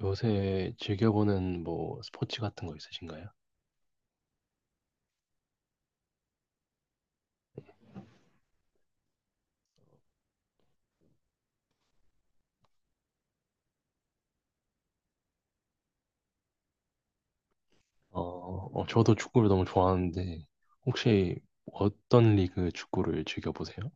요새 즐겨보는 뭐 스포츠 같은 거 있으신가요? 어, 어, 저도 축구를 너무 좋아하는데 혹시 어떤 리그 축구를 즐겨보세요?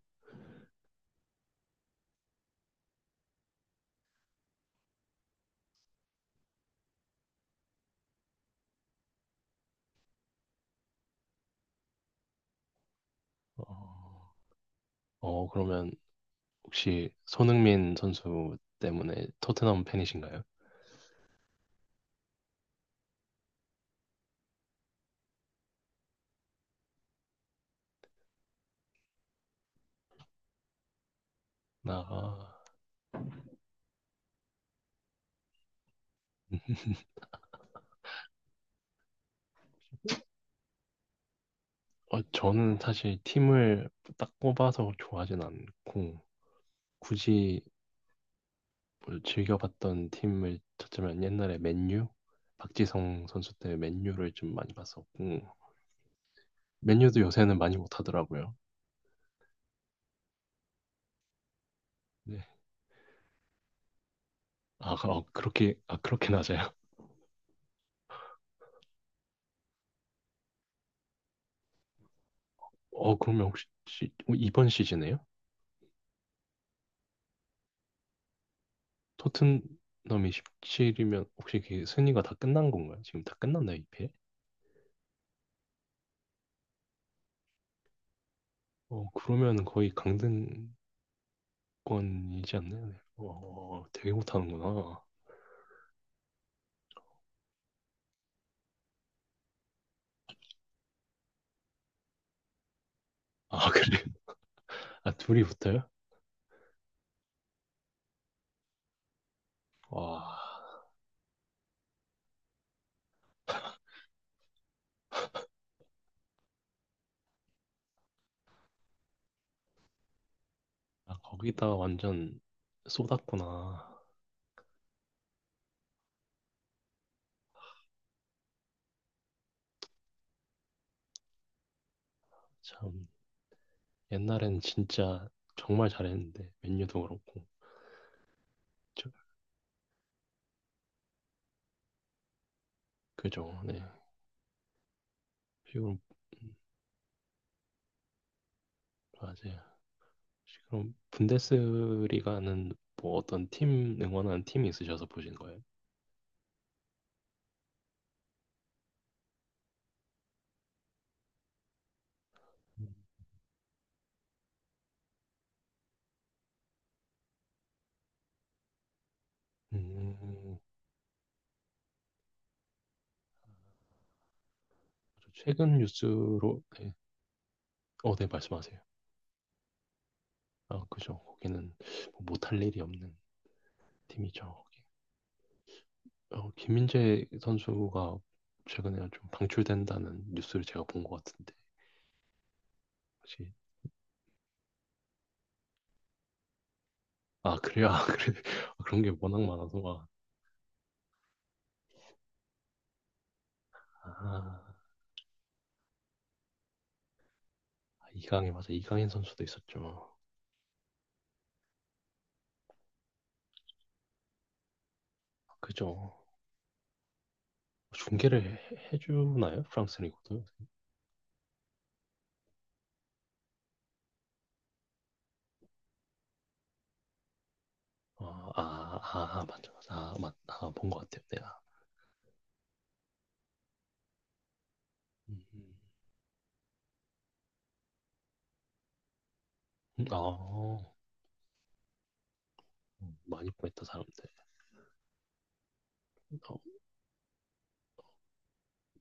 어, 어, 그러면 혹시 손흥민 선수 때문에 토트넘 팬이신가요? 나, 어, 저는 사실 팀을 딱 뽑아서 좋아하진 않고 굳이 뭐 즐겨봤던 팀을 찾자면 옛날에 맨유? 박지성 선수 때 맨유를 좀 많이 봤었고. 맨유도 요새는 많이 못하더라고요. 네. 아, 어, 아, 그렇게 낮아요? 어, 그러면 혹시, 어, 이번 시즌에요? 토트넘이 17이면 혹시 그 순위가 다 끝난 건가요? 지금 다 끝났나요, 이 패? 어, 그러면 거의 강등권이지 않나요? 네. 어, 되게 못하는구나. 아, 그래요? 아, 둘이 붙어요? 와, 아, 거기다가 완전 쏟았구나. 참, 옛날엔 진짜 정말 잘했는데, 맨유도 그렇고. 저- 그죠, 네. 지금 맞아요. 그럼 분데스리가는 뭐 어떤 팀 응원하는 팀이 있으셔서 보신 거예요? 음, 저 최근 뉴스로, 네. 어, 네, 말씀하세요. 아, 그죠. 거기는 뭐 못할 일이 없는 팀이죠. 거기. 어, 김민재 선수가 최근에 좀 방출된다는 뉴스를 제가 본 것 같은데 혹시. 아, 그래요? 아, 그래. 그런 게 워낙 많아서. 아, 아, 이강인 맞아, 이강인 선수도 있었죠. 그죠. 중계를 해주나요? 프랑스 리그도? 아, 아, 아, 맞죠. 아, 아, 본 것 같아요, 내가. 음, 아, 많이 보냈다, 사람들. 어,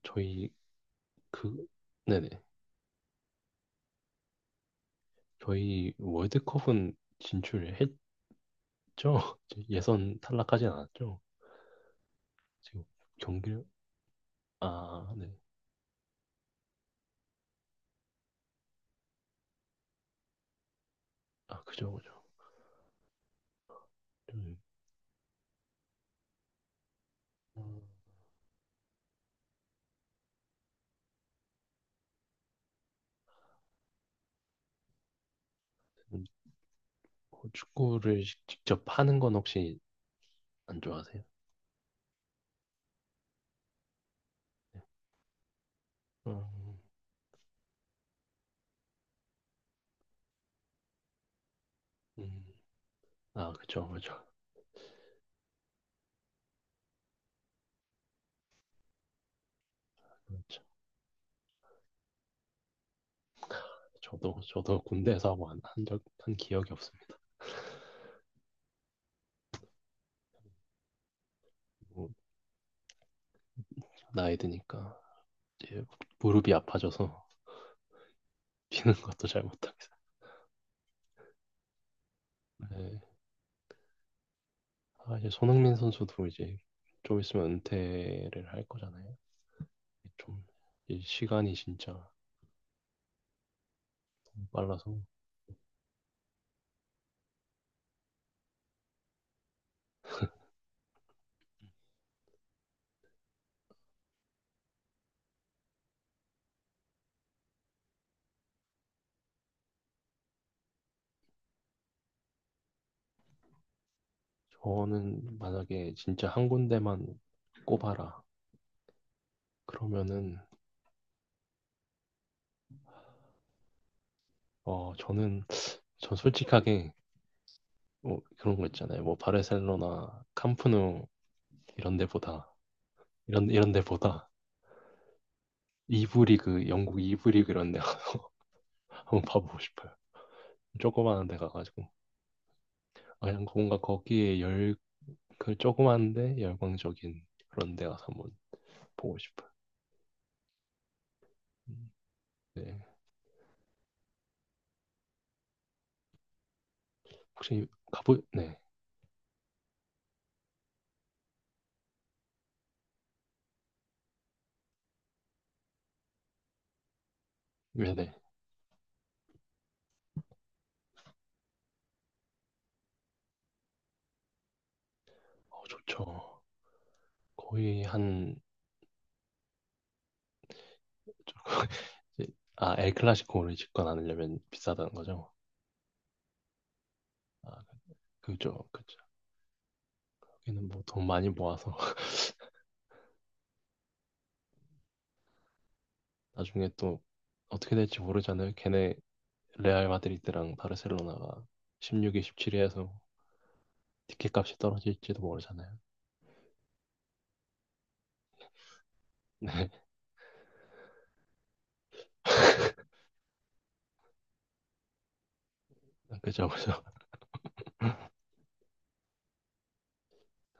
저희, 그, 네네. 저희 월드컵은 진출을 했죠? 이제 예선 탈락하진 않았죠? 지금 경기를, 아, 네. 아, 그죠, 그죠. 음, 아, 음, 뭐 축구를 직접 하는 건 혹시 안 좋아하세요? 네. 음, 음, 아, 그죠, 그죠. 저도 군대에서 뭐한 한적 한 기억이 없습니다. 뭐, 나이 드니까 이제 무릎이 아파져서 뛰는 것도 잘 못하겠어요. 네. 아, 이제 손흥민 선수도 이제 좀 있으면 은퇴를 할 거잖아요. 좀이 시간이 진짜 너무 빨라서. 저는 만약에 진짜 한 군데만 꼽아라 그러면은, 어, 저는 전 솔직하게, 뭐 그런 거 있잖아요. 뭐 바르셀로나, 캄프누 이런 데보다 이런 데보다 이부 리그, 영국 이부 리그 이런 데 한번 봐보고 싶어요. 조그마한 데 가가지고. 아, 그냥 뭔가 거기에 그 조그만데 열광적인 그런 데 가서 한번 보고 싶어요. 음, 네. 혹시 네. 네네. 어, 좋죠. 거의 한. 아, 엘클라시코를 집권하려면 비싸다는 거죠. 아, 그죠, 그죠. 여기는 뭐 돈 많이 모아서 나중에 또 어떻게 될지 모르잖아요. 걔네 레알 마드리드랑 바르셀로나가 16위, 17위 해서 티켓값이 떨어질지도 모르잖아요. 네. 그죠, 그죠.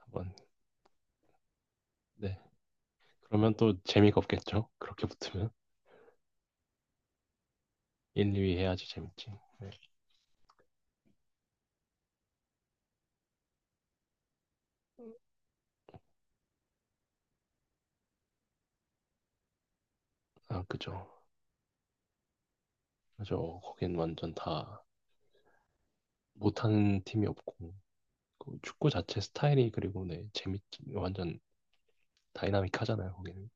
한번. 네. 그러면 또 재미가 없겠죠? 그렇게 붙으면. 1, 2위 해야지 재밌지. 네. 아, 그죠. 그죠. 거긴 완전 다 못하는 팀이 없고. 그 축구 자체 스타일이, 그리고 네, 재밌지. 완전 다이나믹하잖아요, 거기는.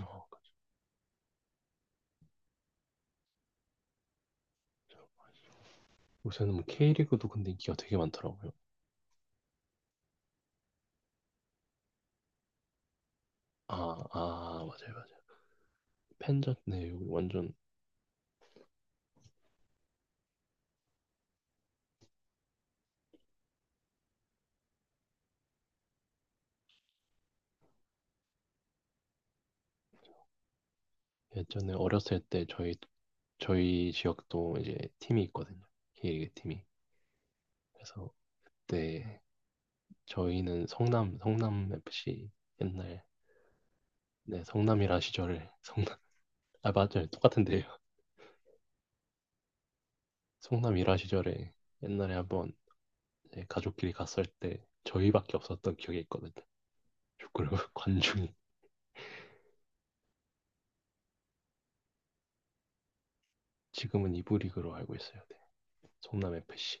어, 요새는 뭐 K리그도 근데 인기가 되게 많더라고요. 아, 아, 맞아요, 맞아요. 팬전, 네, 여기 완전. 예전에 어렸을 때 저희 지역도 이제 팀이 있거든요. K리그 팀이. 그래서, 네, 저희는 성남 FC. 옛날, 네, 성남 일화 시절에 성남. 아, 맞아요, 똑같은데요. 성남 일화 시절에 옛날에 한번 이제 가족끼리 갔을 때 저희밖에 없었던 기억이 있거든요. 축구를 관중이. 지금은 이부 리그로 알고 있어요. 네. 성남 FC.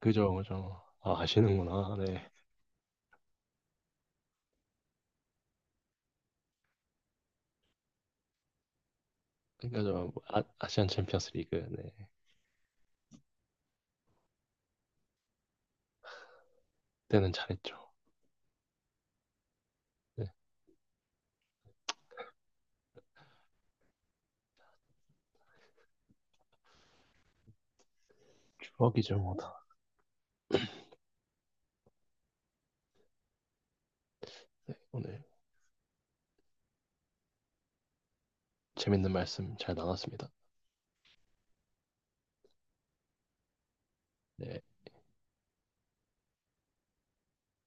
그죠, 그죠. 아, 아시는구나. 네. 그러니까 저, 아, 아시안 챔피언스 리그. 네. 때는 잘했죠. 네, 추억이죠 뭐다. 네, 오늘 재밌는 말씀 잘 나눴습니다. 네.